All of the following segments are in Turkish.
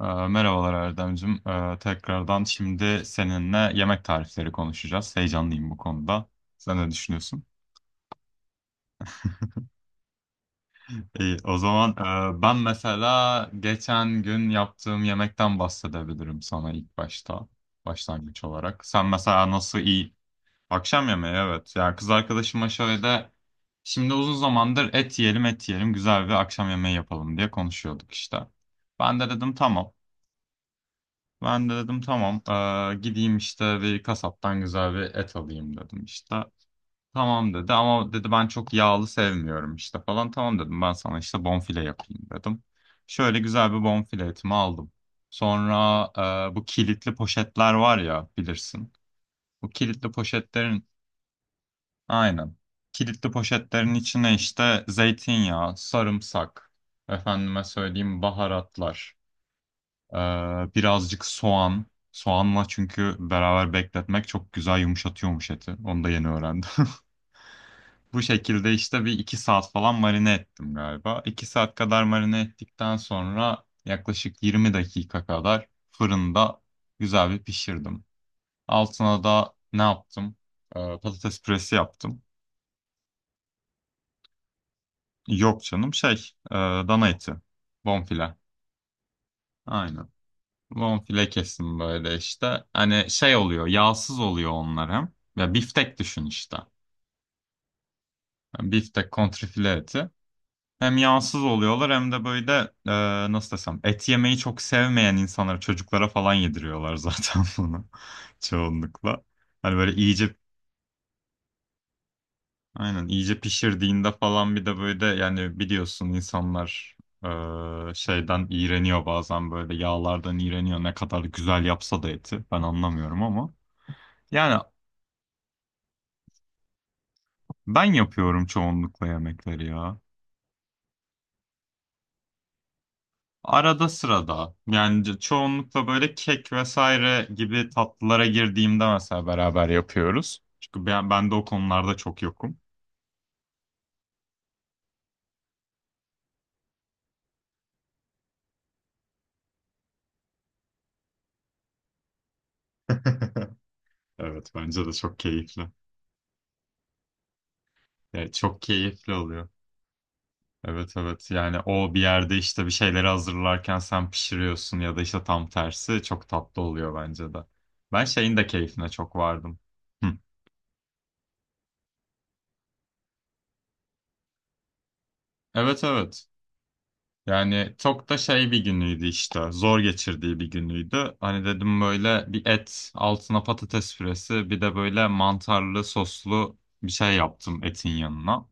Merhabalar Erdemcim. Tekrardan şimdi seninle yemek tarifleri konuşacağız. Heyecanlıyım bu konuda. Sen ne düşünüyorsun? İyi, o zaman ben mesela geçen gün yaptığım yemekten bahsedebilirim sana ilk başta, başlangıç olarak. Sen mesela nasıl iyi akşam yemeği evet. Ya kız arkadaşıma şöyle şimdi uzun zamandır et yiyelim et yiyelim güzel bir akşam yemeği yapalım diye konuşuyorduk işte. Ben de dedim tamam. Ben de dedim tamam, gideyim işte bir kasaptan güzel bir et alayım dedim işte. Tamam dedi ama dedi ben çok yağlı sevmiyorum işte falan. Tamam dedim ben sana işte bonfile yapayım dedim. Şöyle güzel bir bonfile etimi aldım. Sonra bu kilitli poşetler var ya bilirsin. Bu kilitli poşetlerin aynen. Kilitli poşetlerin içine işte zeytinyağı, sarımsak, efendime söyleyeyim baharatlar. Ee, birazcık soğan. Soğanla çünkü beraber bekletmek çok güzel yumuşatıyormuş eti. Onu da yeni öğrendim. Bu şekilde işte bir iki saat falan marine ettim galiba. 2 saat kadar marine ettikten sonra yaklaşık 20 dakika kadar fırında güzel bir pişirdim. Altına da ne yaptım? Patates püresi yaptım. Yok canım şey, dana eti. Bonfile. Aynen. Bonfile kesim böyle işte. Hani şey oluyor, yağsız oluyor onlar hem. Ya biftek düşün işte. Yani biftek kontrfile eti. Hem yağsız oluyorlar hem de böyle nasıl desem et yemeyi çok sevmeyen insanlara, çocuklara falan yediriyorlar zaten bunu çoğunlukla. Hani böyle iyice aynen iyice pişirdiğinde falan bir de böyle yani biliyorsun insanlar şeyden iğreniyor bazen böyle yağlardan iğreniyor ne kadar güzel yapsa da eti. Ben anlamıyorum ama. Yani ben yapıyorum çoğunlukla yemekleri ya. Arada sırada. Yani çoğunlukla böyle kek vesaire gibi tatlılara girdiğimde mesela beraber yapıyoruz. Çünkü ben de o konularda çok yokum. Evet bence de çok keyifli. Yani çok keyifli oluyor. Evet evet yani o bir yerde işte bir şeyleri hazırlarken sen pişiriyorsun ya da işte tam tersi çok tatlı oluyor bence de. Ben şeyin de keyfine çok vardım. Hı. Evet evet. Yani çok da şey bir günüydü işte. Zor geçirdiği bir günüydü. Hani dedim böyle bir et, altına patates püresi, bir de böyle mantarlı soslu bir şey yaptım etin yanına.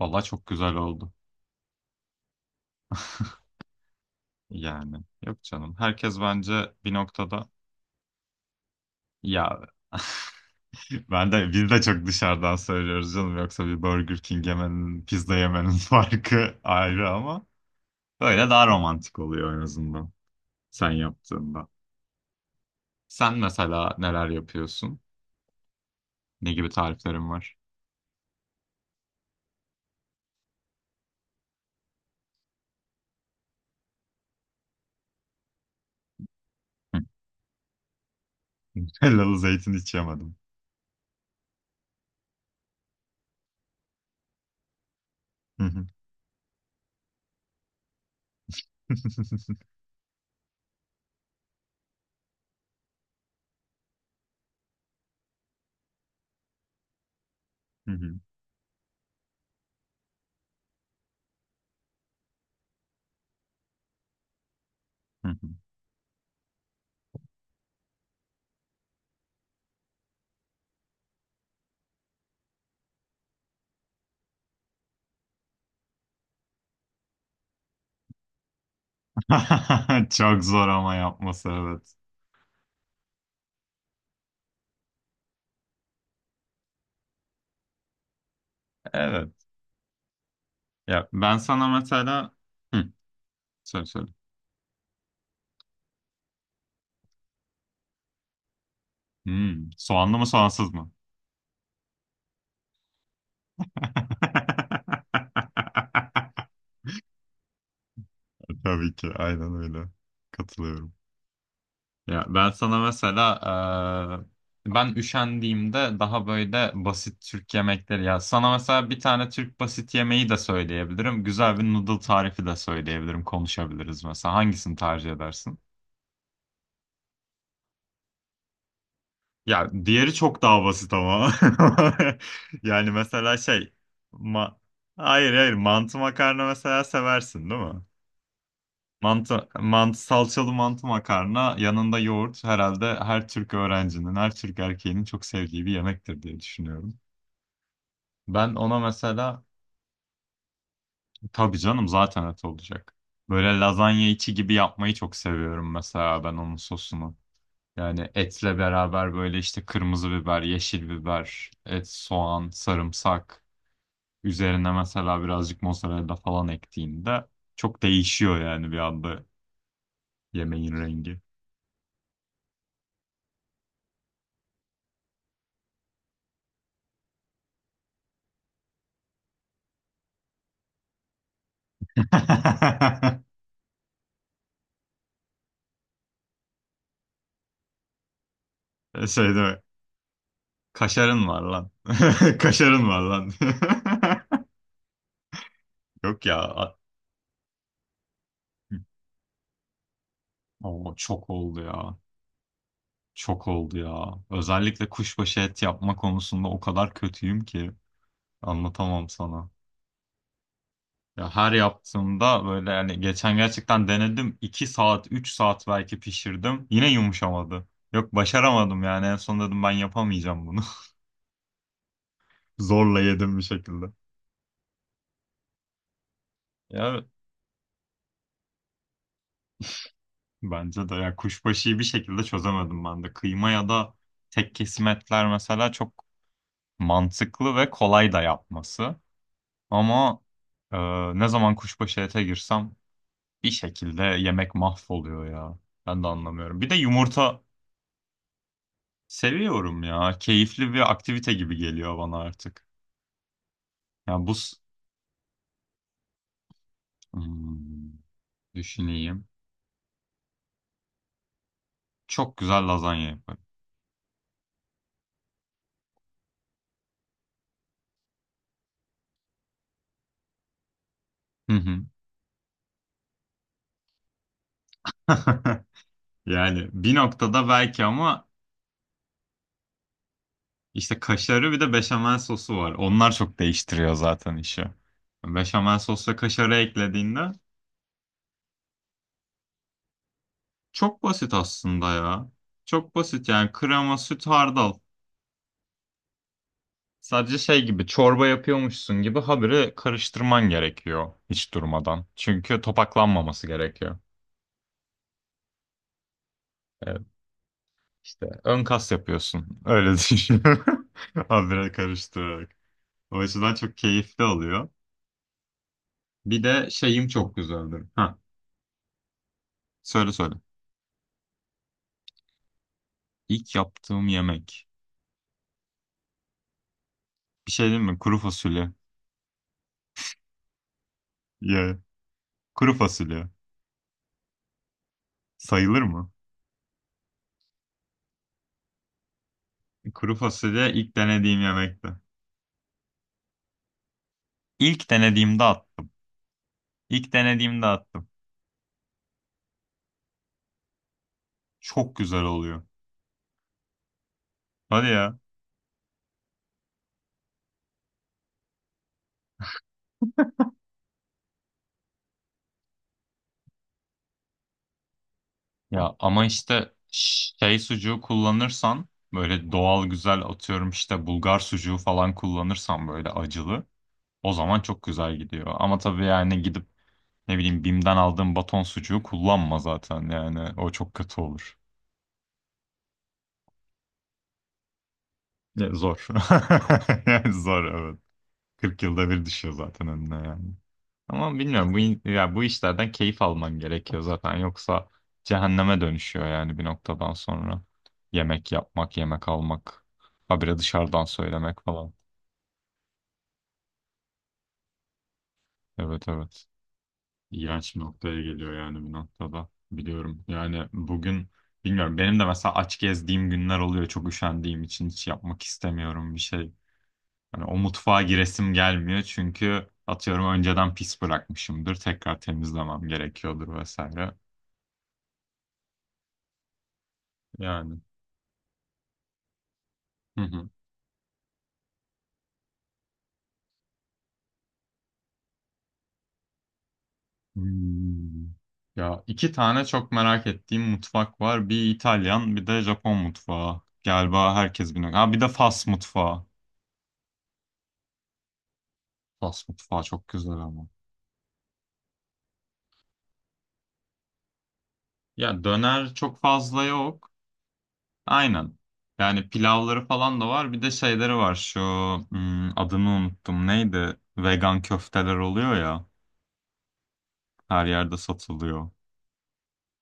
Valla çok güzel oldu. Yani yok canım. Herkes bence bir noktada ya. Ben de biz de çok dışarıdan söylüyoruz canım. Yoksa bir Burger King yemenin, pizza yemenin farkı ayrı ama böyle daha romantik oluyor en azından sen yaptığında. Sen mesela neler yapıyorsun? Ne gibi tariflerim var? Hı. Hellalı zeytin hiç yemedim. Hı hı. Hı hı. Hı hı. Çok zor ama yapması evet. Evet. Ya ben sana mesela. Hı, söyle söyle. Soğanlı mı soğansız mı? Tabii ki aynen öyle. Katılıyorum. Ya ben sana mesela ben üşendiğimde daha böyle basit Türk yemekleri, ya sana mesela bir tane Türk basit yemeği de söyleyebilirim. Güzel bir noodle tarifi de söyleyebilirim. Konuşabiliriz mesela. Hangisini tercih edersin? Ya diğeri çok daha basit ama. Yani mesela şey, ma hayır hayır mantı makarna mesela seversin değil mi? Mantı, salçalı mantı makarna, yanında yoğurt, herhalde her Türk öğrencinin, her Türk erkeğinin çok sevdiği bir yemektir diye düşünüyorum. Ben ona mesela, tabii canım zaten et olacak. Böyle lazanya içi gibi yapmayı çok seviyorum mesela, ben onun sosunu. Yani etle beraber böyle işte kırmızı biber, yeşil biber, et, soğan, sarımsak, üzerine mesela birazcık mozzarella falan ektiğinde çok değişiyor yani bir anda yemeğin rengi. E, şey değil, kaşarın var lan. Kaşarın var lan. Yok ya. Oo, çok oldu ya. Çok oldu ya. Özellikle kuşbaşı et yapma konusunda o kadar kötüyüm ki anlatamam sana. Ya her yaptığımda böyle, yani geçen gerçekten denedim. 2 saat, 3 saat belki pişirdim. Yine yumuşamadı. Yok, başaramadım yani, en son dedim ben yapamayacağım bunu. Zorla yedim bir şekilde. Ya bence de ya kuşbaşıyı bir şekilde çözemedim ben de. Kıyma ya da tek kesim etler mesela çok mantıklı ve kolay da yapması. Ama e, ne zaman kuşbaşı ete girsem bir şekilde yemek mahvoluyor ya. Ben de anlamıyorum. Bir de yumurta seviyorum ya. Keyifli bir aktivite gibi geliyor bana artık. Ya bu s- Hmm, düşüneyim. Çok güzel lazanya yaparım. Hı hı. Yani bir noktada belki ama İşte kaşarı, bir de beşamel sosu var. Onlar çok değiştiriyor zaten işi. Beşamel sos ve kaşarı eklediğinde çok basit aslında ya. Çok basit yani, krema, süt, hardal. Sadece şey gibi, çorba yapıyormuşsun gibi habire karıştırman gerekiyor hiç durmadan. Çünkü topaklanmaması gerekiyor. Evet, işte ön kas yapıyorsun. Öyle düşün. Habire karıştırarak. O açıdan çok keyifli oluyor. Bir de şeyim çok güzeldir. Ha, söyle söyle. İlk yaptığım yemek. Bir şey değil mi? Kuru fasulye. Ya. Kuru fasulye. Sayılır mı? Kuru fasulye ilk denediğim yemekti. İlk denediğimde attım. İlk denediğimde attım. Çok güzel oluyor. Hadi ya. Ya ama işte şey sucuğu kullanırsan, böyle doğal güzel, atıyorum işte Bulgar sucuğu falan kullanırsan böyle acılı, o zaman çok güzel gidiyor. Ama tabii yani gidip ne bileyim Bim'den aldığım baton sucuğu kullanma zaten, yani o çok kötü olur. Ya, zor. Yani zor evet, 40 yılda bir düşüyor zaten önüne yani. Ama bilmiyorum, ya bu işlerden keyif alman gerekiyor zaten, yoksa cehenneme dönüşüyor yani bir noktadan sonra. Yemek yapmak, yemek almak, habire dışarıdan söylemek falan. Evet evet. İğrenç bir noktaya geliyor yani bir noktada. Biliyorum. Yani bugün bilmiyorum, benim de mesela aç gezdiğim günler oluyor, çok üşendiğim için hiç yapmak istemiyorum bir şey. Hani o mutfağa giresim gelmiyor, çünkü atıyorum önceden pis bırakmışımdır. Tekrar temizlemem gerekiyordur vesaire. Yani. Hı hı. Hmm. Ya iki tane çok merak ettiğim mutfak var. Bir İtalyan, bir de Japon mutfağı. Galiba herkes biliyor. Ha, bir de Fas mutfağı. Fas mutfağı çok güzel ama. Ya döner çok fazla yok. Aynen. Yani pilavları falan da var. Bir de şeyleri var. Şu adını unuttum. Neydi? Vegan köfteler oluyor ya. Her yerde satılıyor.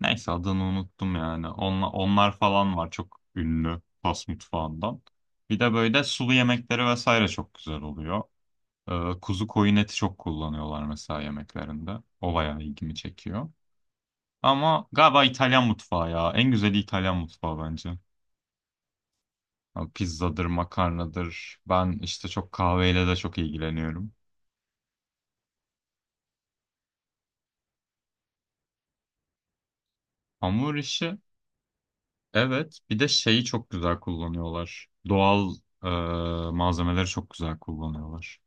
Neyse adını unuttum yani. Onlar falan var, çok ünlü Fas mutfağından. Bir de böyle sulu yemekleri vesaire çok güzel oluyor. Kuzu koyun eti çok kullanıyorlar mesela yemeklerinde. O bayağı ilgimi çekiyor. Ama galiba İtalyan mutfağı ya. En güzeli İtalyan mutfağı bence. Ya pizzadır, makarnadır. Ben işte çok kahveyle de çok ilgileniyorum. Hamur işi. Evet, bir de şeyi çok güzel kullanıyorlar. Doğal e, malzemeleri çok güzel kullanıyorlar.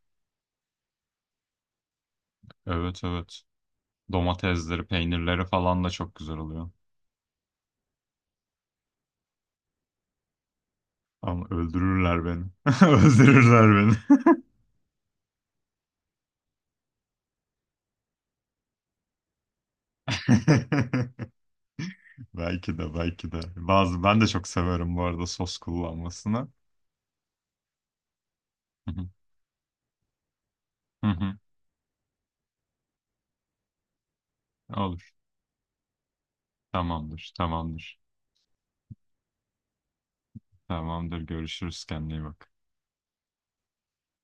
Evet evet. Domatesleri, peynirleri falan da çok güzel oluyor. Ama öldürürler beni. Öldürürler beni. Belki de belki de. Bazı ben de çok severim bu arada sos kullanmasını. Hı hı, hı hı. Olur. Tamamdır. Tamamdır. Tamamdır. Görüşürüz. Kendine iyi bak.